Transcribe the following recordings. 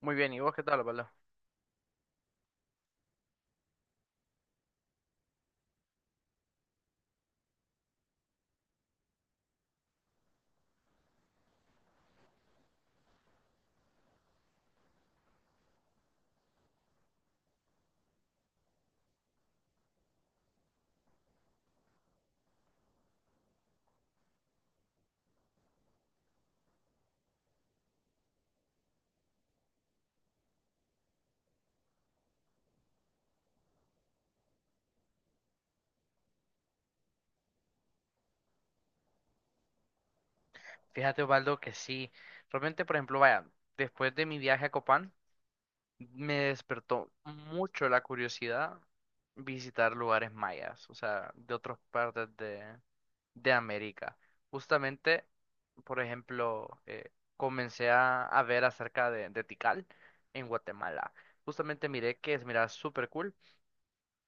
Muy bien, ¿y vos qué tal, Osvaldo? Fíjate, Osvaldo, que sí. Realmente, por ejemplo, vaya, después de mi viaje a Copán, me despertó mucho la curiosidad visitar lugares mayas, o sea, de otras partes de América. Justamente, por ejemplo, comencé a ver acerca de Tikal en Guatemala. Justamente miré que es, mira, súper cool.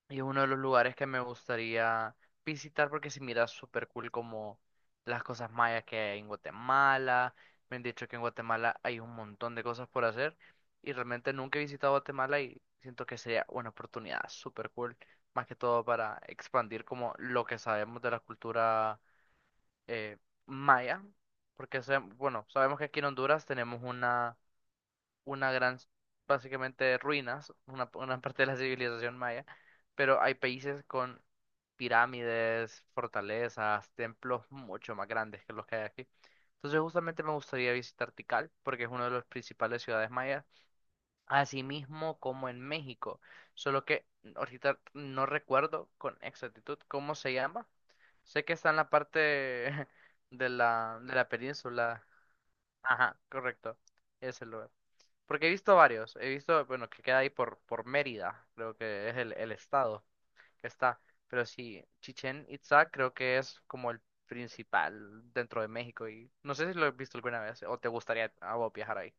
Y es uno de los lugares que me gustaría visitar porque se mira súper cool como las cosas mayas que hay en Guatemala. Me han dicho que en Guatemala hay un montón de cosas por hacer y realmente nunca he visitado Guatemala y siento que sería una oportunidad súper cool, más que todo para expandir como lo que sabemos de la cultura eh, maya. Porque, bueno, sabemos que aquí en Honduras tenemos una gran, básicamente ruinas, una parte de la civilización maya, pero hay países con pirámides, fortalezas, templos mucho más grandes que los que hay aquí. Entonces justamente me gustaría visitar Tikal, porque es una de las principales ciudades mayas, así mismo como en México, solo que ahorita no recuerdo con exactitud cómo se llama. Sé que está en la parte de la península. Ajá, correcto. Ese lugar. Porque he visto varios. He visto, bueno, que queda ahí por Mérida, creo que es el estado que está. Pero sí, Chichén Itzá creo que es como el principal dentro de México. Y no sé si lo has visto alguna vez o te gustaría a vos viajar ahí.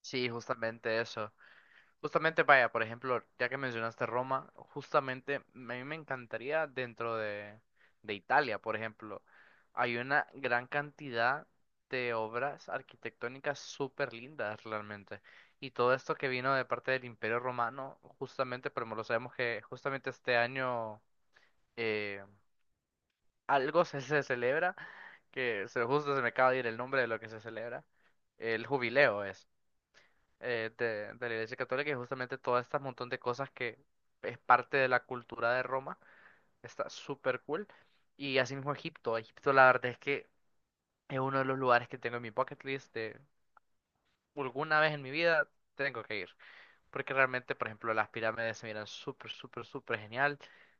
Sí, justamente eso. Justamente, vaya, por ejemplo, ya que mencionaste Roma, justamente a mí me encantaría dentro de Italia, por ejemplo, hay una gran cantidad de obras arquitectónicas súper lindas realmente. Y todo esto que vino de parte del Imperio Romano, justamente, pero lo sabemos que justamente este año eh, algo se celebra, que se, justo se me acaba de ir el nombre de lo que se celebra, el jubileo de la Iglesia Católica y justamente todo este montón de cosas que es parte de la cultura de Roma. Está súper cool. Y asimismo Egipto. Egipto la verdad es que es uno de los lugares que tengo en mi bucket list de alguna vez en mi vida tengo que ir. Porque realmente, por ejemplo, las pirámides se miran súper, súper, súper genial.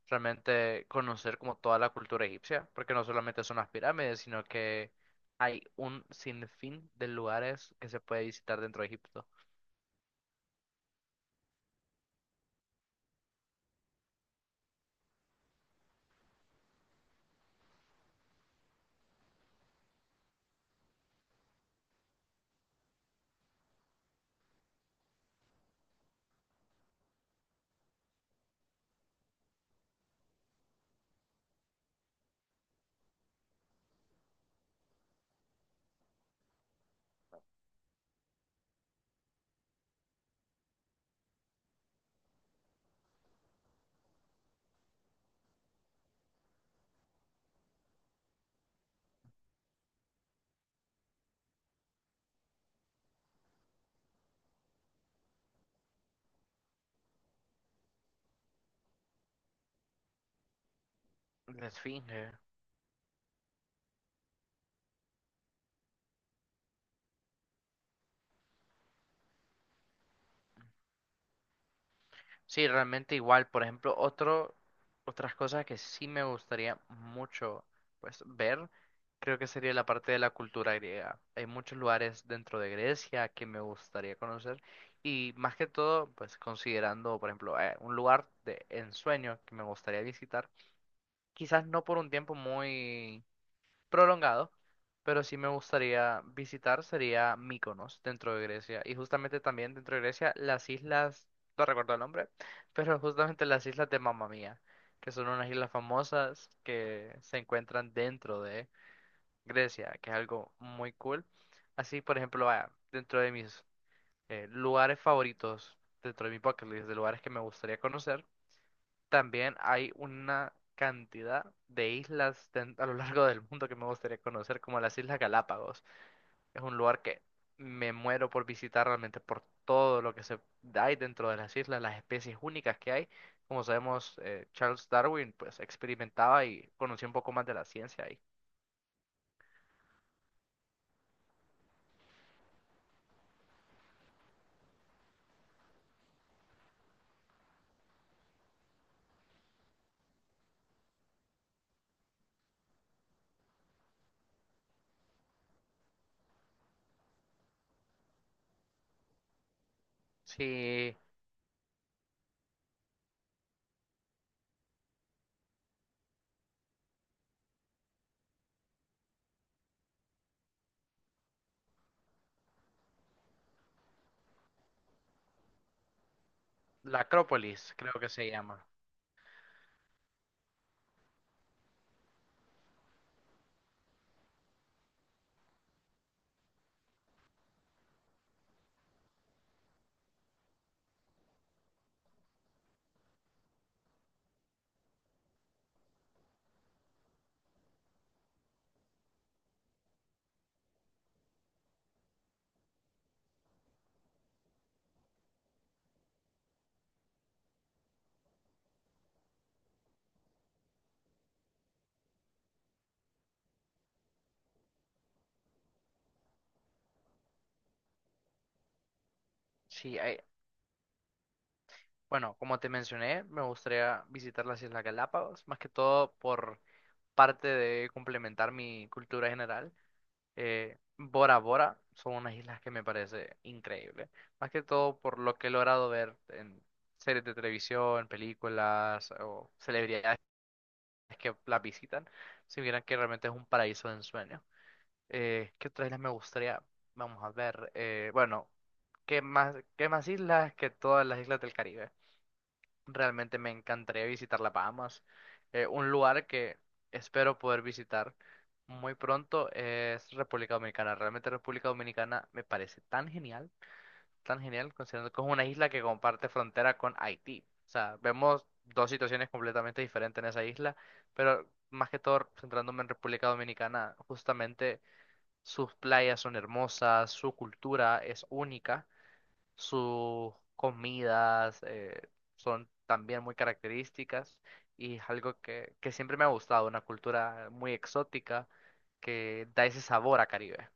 Realmente conocer como toda la cultura egipcia, porque no solamente son las pirámides, sino que hay un sinfín de lugares que se puede visitar dentro de Egipto. La Esfinge. Sí, realmente igual. Por ejemplo, otro, otras cosas que sí me gustaría mucho pues ver, creo que sería la parte de la cultura griega. Hay muchos lugares dentro de Grecia que me gustaría conocer y más que todo, pues considerando, por ejemplo, un lugar de ensueño que me gustaría visitar, quizás no por un tiempo muy prolongado, pero sí me gustaría visitar sería Mykonos dentro de Grecia y justamente también dentro de Grecia las islas, no recuerdo el nombre, pero justamente las islas de Mamma Mía, que son unas islas famosas que se encuentran dentro de Grecia, que es algo muy cool. Así, por ejemplo, vaya, dentro de mis lugares favoritos, dentro de mi bucket list de lugares que me gustaría conocer, también hay una cantidad de islas a lo largo del mundo que me gustaría conocer, como las Islas Galápagos. Es un lugar que me muero por visitar realmente por todo lo que se hay dentro de las islas, las especies únicas que hay. Como sabemos, Charles Darwin pues experimentaba y conocía un poco más de la ciencia ahí. Sí, la Acrópolis creo que se llama. Sí, bueno, como te mencioné, me gustaría visitar las Islas Galápagos, más que todo por parte de complementar mi cultura general, Bora Bora son unas islas que me parece increíble. Más que todo por lo que he logrado ver en series de televisión, películas o celebridades que las visitan, si vieran que realmente es un paraíso de ensueño. ¿Qué otras islas me gustaría? Vamos a ver. Bueno, qué más islas que todas las islas del Caribe? Realmente me encantaría visitar la Bahamas. Un lugar que espero poder visitar muy pronto es República Dominicana. Realmente República Dominicana me parece tan genial, considerando que es una isla que comparte frontera con Haití. O sea, vemos dos situaciones completamente diferentes en esa isla, pero más que todo centrándome en República Dominicana, justamente sus playas son hermosas, su cultura es única, sus comidas son también muy características y es algo que siempre me ha gustado, una cultura muy exótica que da ese sabor a Caribe.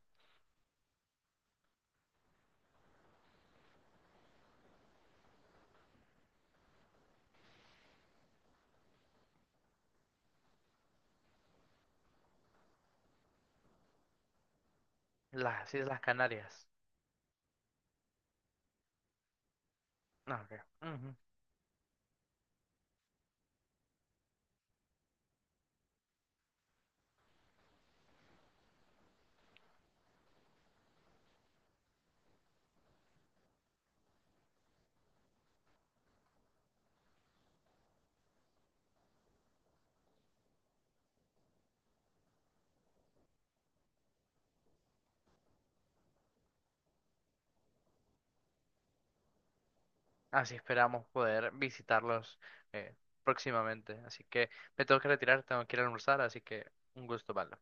Las Islas Canarias. Ah, ok. Ujú. Así esperamos poder visitarlos eh, próximamente. Así que me tengo que retirar, tengo que ir a almorzar, así que un gusto, vale.